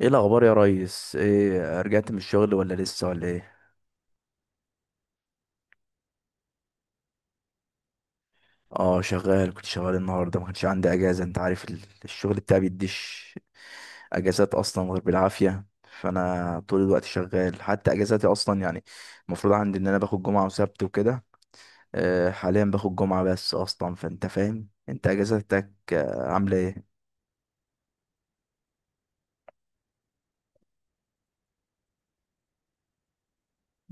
ايه الاخبار يا ريس؟ ايه، رجعت من الشغل ولا لسه ولا ايه؟ اه، شغال. كنت شغال النهارده، ما كانش عندي اجازه. انت عارف الشغل بتاعي بيديش اجازات اصلا غير بالعافيه، فانا طول الوقت شغال. حتى اجازاتي اصلا يعني المفروض عندي ان انا باخد جمعه وسبت وكده. حاليا باخد جمعه بس اصلا. فانت فاهم، انت اجازاتك عامله ايه؟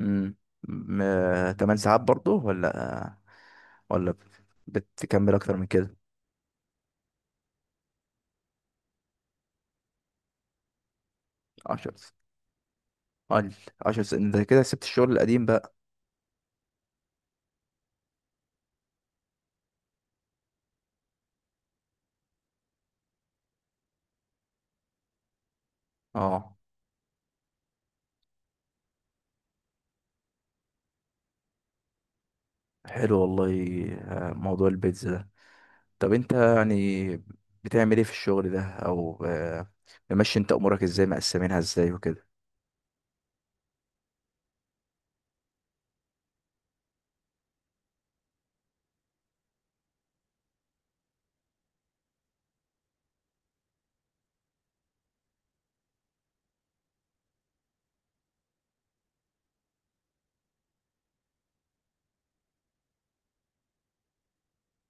امم 8 ساعات برضه؟ ولا ولا بتكمل اكتر من كده؟ 10؟ قال عشر سنين. ده كده سبت الشغل القديم بقى. اه، حلو والله. موضوع البيتزا ده، طب انت يعني بتعمل ايه في الشغل ده؟ او ممشي انت امورك ازاي، مقسمينها ازاي وكده؟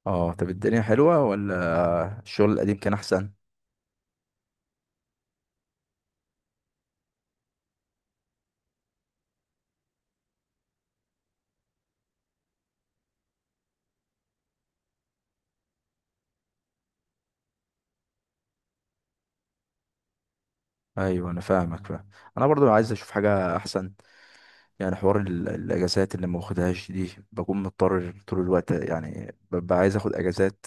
اه، طب الدنيا حلوة ولا الشغل القديم كان احسن؟ ايوه، انا فاهمك، فاهم. انا برضو عايز اشوف حاجة احسن. يعني حوار الاجازات اللي ما باخدهاش دي، بكون مضطر طول الوقت. يعني ببقى عايز اخد اجازات،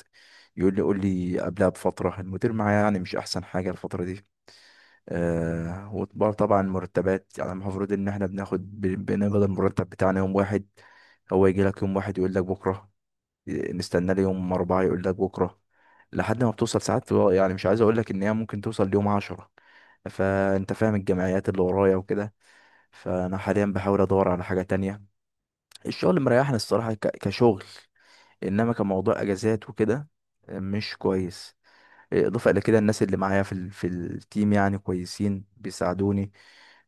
يقول لي قول لي قبلها بفترة. المدير معايا يعني مش أحسن حاجة الفترة دي. آه، وطبعا طبعا مرتبات، يعني المفروض إن احنا بناخد بنقبض المرتب بتاعنا يوم واحد، هو يجي لك يوم واحد يقول لك بكرة. إيه، نستنى لي يوم أربعة يقول لك بكرة. لحد ما بتوصل ساعات يعني مش عايز أقول لك إن هي ممكن توصل ليوم عشرة. فأنت فاهم الجمعيات اللي ورايا وكده. فأنا حاليا بحاول أدور على حاجة تانية. الشغل مريحني الصراحة كشغل، إنما كموضوع أجازات وكده مش كويس. اضافه الى كده، الناس اللي معايا في التيم يعني كويسين، بيساعدوني.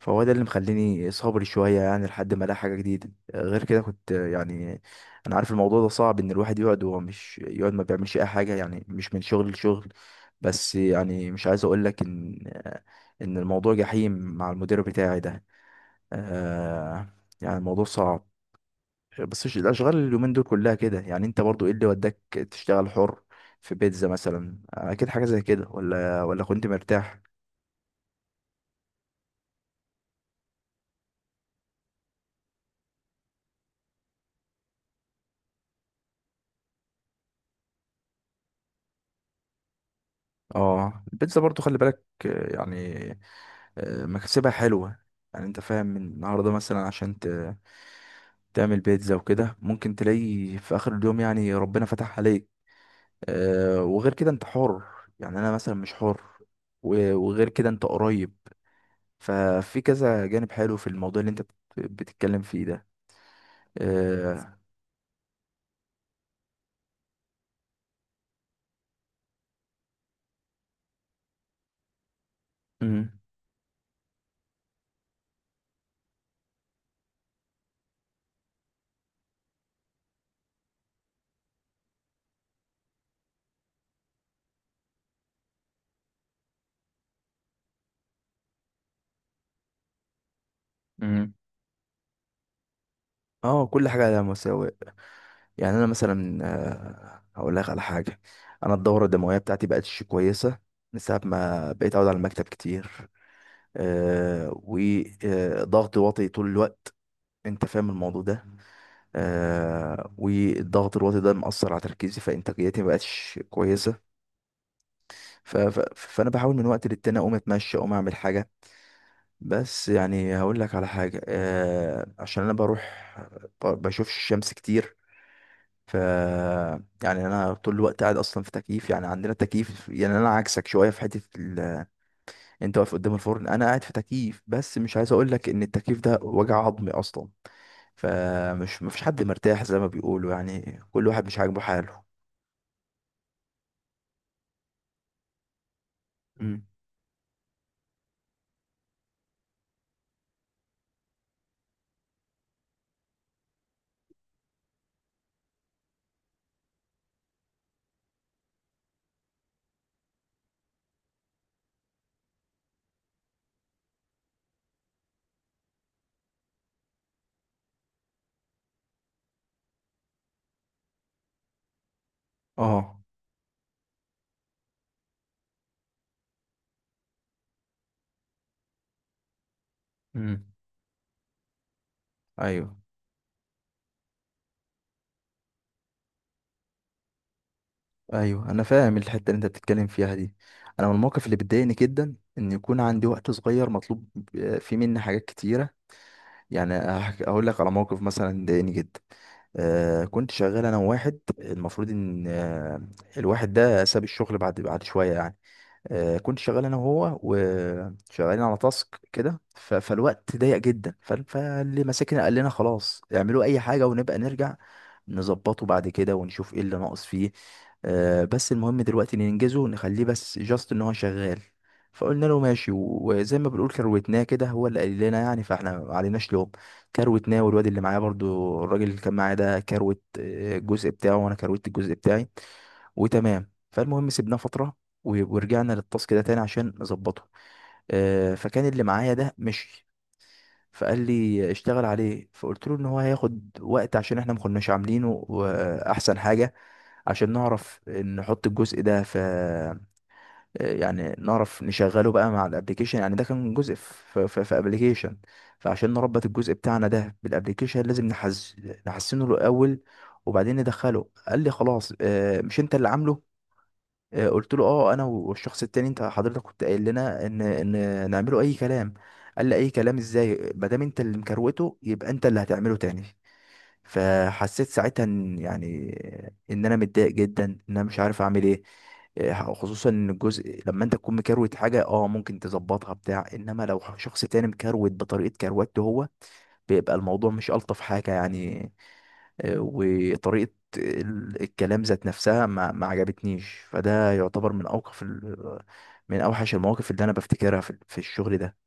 فهو ده اللي مخليني صبري شويه، يعني لحد ما الاقي حاجه جديده. غير كده كنت يعني انا عارف الموضوع ده صعب، ان الواحد يقعد وهو مش يقعد ما بيعملش اي حاجه، يعني مش من شغل لشغل. بس يعني مش عايز اقول لك ان ان الموضوع جحيم مع المدير بتاعي ده. آه، يعني الموضوع صعب، بس الاشغال اليومين دول كلها كده. يعني انت برضو ايه اللي وداك تشتغل حر في بيتزا مثلا؟ اكيد حاجه زي كده، ولا كنت مرتاح؟ اه، البيتزا برضو خلي بالك يعني مكسبها حلوه. يعني انت فاهم، من النهارده مثلا عشان تعمل بيتزا وكده، ممكن تلاقي في اخر اليوم يعني ربنا فتح عليك. آه، وغير كده انت حر، يعني انا مثلا مش حر. وغير كده انت قريب. ففي كذا جانب حلو في الموضوع اللي انت بتتكلم فيه ده. آه، امم. امم. اه، كل حاجه على مساوئ. يعني انا مثلا، آه، هقول لك على حاجه. انا الدوره الدمويه بتاعتي بقتش كويسه من ساعه ما بقيت اقعد على المكتب كتير. أه، وضغط واطي طول الوقت. انت فاهم الموضوع ده؟ أه، والضغط الواطي ده مأثر على تركيزي، فانتاجيتي مبقتش كويسه. فانا بحاول من وقت للتاني اقوم اتمشى، اقوم اعمل حاجه. بس يعني هقول لك على حاجه، أه، عشان انا بروح بشوفش الشمس كتير. ف يعني انا طول الوقت قاعد اصلا في تكييف، يعني عندنا تكييف. يعني انا عكسك شويه في حته انت واقف قدام الفرن، انا قاعد في تكييف. بس مش عايز اقول لك ان التكييف ده وجع عظمي اصلا. فمش مفيش حد مرتاح زي ما بيقولوا، يعني كل واحد مش عاجبه حاله. امم. اه. امم. ايوه، ايوه انا فاهم الحته اللي انت بتتكلم فيها دي. انا من المواقف اللي بتضايقني جدا ان يكون عندي وقت صغير مطلوب فيه مني حاجات كتيره. يعني هقول لك على موقف مثلا ضايقني جدا. آه، كنت شغال انا وواحد، المفروض ان آه، الواحد ده ساب الشغل بعد شويه يعني. آه، كنت شغال انا وهو، وشغالين على تاسك كده. فالوقت ضيق جدا، فاللي ماسكنا قال لنا خلاص اعملوا اي حاجه، ونبقى نرجع نظبطه بعد كده ونشوف ايه اللي ناقص فيه. آه، بس المهم دلوقتي ننجزه، نخليه بس جاست ان هو شغال. فقلنا له ماشي، وزي ما بنقول كروتناه كده. هو اللي قال لنا يعني، فاحنا ما عليناش لوم. كروتناه، والواد اللي معاه برضو، الراجل اللي كان معاه ده، كروت الجزء بتاعه، وانا كروت الجزء بتاعي. وتمام. فالمهم سيبناه فترة ورجعنا للتاسك ده تاني عشان نظبطه. آه، فكان اللي معايا ده مشي، فقال لي اشتغل عليه. فقلت له ان هو هياخد وقت عشان احنا ما كناش عاملينه، واحسن حاجة عشان نعرف نحط الجزء ده في، يعني نعرف نشغله بقى مع الابليكيشن. يعني ده كان جزء في ابليكيشن. فعشان نربط الجزء بتاعنا ده بالابليكيشن لازم نحسنه الاول وبعدين ندخله. قال لي خلاص مش انت اللي عامله؟ آه، قلت له اه انا والشخص التاني، انت حضرتك كنت قايل لنا ان نعمله اي كلام. قال لي اي كلام ازاي، ما دام انت اللي مكروته يبقى انت اللي هتعمله تاني. فحسيت ساعتها ان يعني ان انا متضايق جدا، ان انا مش عارف اعمل ايه. آه، خصوصا ان الجزء لما انت تكون مكروت حاجه اه ممكن تظبطها بتاع، انما لو شخص تاني مكروت بطريقه كروته هو، بيبقى الموضوع مش ألطف حاجة يعني. آه، وطريقة الكلام ذات نفسها ما عجبتنيش. فده يعتبر من من أوحش المواقف اللي أنا بفتكرها في الشغل ده.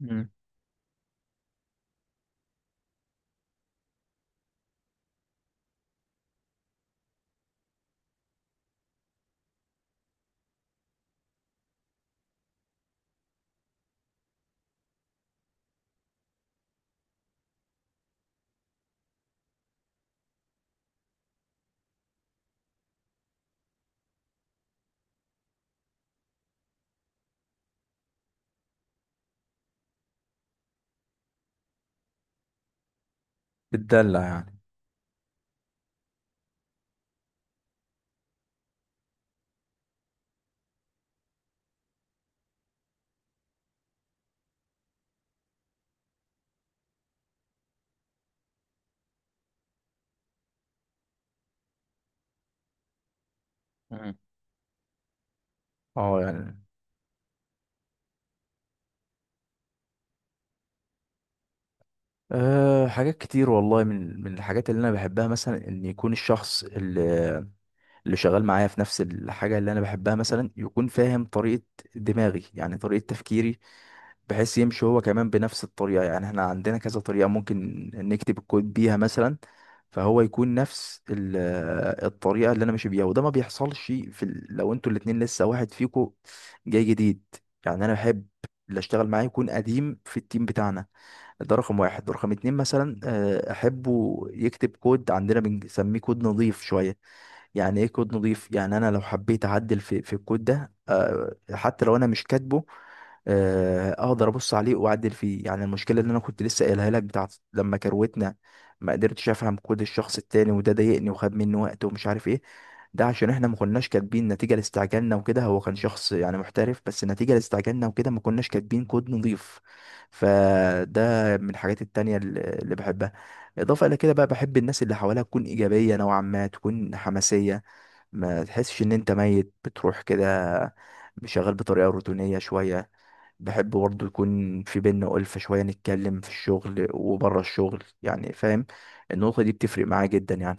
مم. بتدلع يعني. مم. اه، يعني أه حاجات كتير والله. من الحاجات اللي انا بحبها مثلا، ان يكون الشخص اللي شغال معايا في نفس الحاجه اللي انا بحبها مثلا، يكون فاهم طريقه دماغي يعني طريقه تفكيري، بحيث يمشي هو كمان بنفس الطريقة. يعني احنا عندنا كذا طريقة ممكن نكتب الكود بيها مثلا، فهو يكون نفس الطريقة اللي انا ماشي بيها. وده ما بيحصلش في لو انتوا الاتنين لسه واحد فيكو جاي جديد. يعني انا بحب اللي اشتغل معاه يكون قديم في التيم بتاعنا. ده رقم واحد. رقم اتنين مثلا، آه، احبه يكتب كود، عندنا بنسميه كود نظيف شوية. يعني ايه كود نضيف؟ يعني انا لو حبيت اعدل في الكود ده، آه، حتى لو انا مش كاتبه، آه، اقدر ابص عليه واعدل فيه. يعني المشكله اللي انا كنت لسه قايلها لك بتاعت لما كروتنا، ما قدرتش افهم كود الشخص التاني، وده ضايقني وخد مني وقت ومش عارف ايه. ده عشان احنا ما كناش كاتبين نتيجه لاستعجالنا وكده. هو كان شخص يعني محترف، بس نتيجه لاستعجالنا وكده ما كناش كاتبين كود نضيف. فده من الحاجات التانية اللي بحبها. اضافه الى كده بقى، بحب الناس اللي حواليها تكون ايجابيه نوعا ما، تكون حماسيه، ما تحسش ان انت ميت بتروح كده شغال بطريقه روتينيه شويه. بحب برضه يكون في بينا ألفة شويه، نتكلم في الشغل وبره الشغل. يعني فاهم، النقطه دي بتفرق معايا جدا يعني.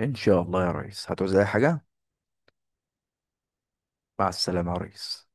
ان شاء الله يا ريس، هتعوز اي حاجه. مع السلامه يا ريس.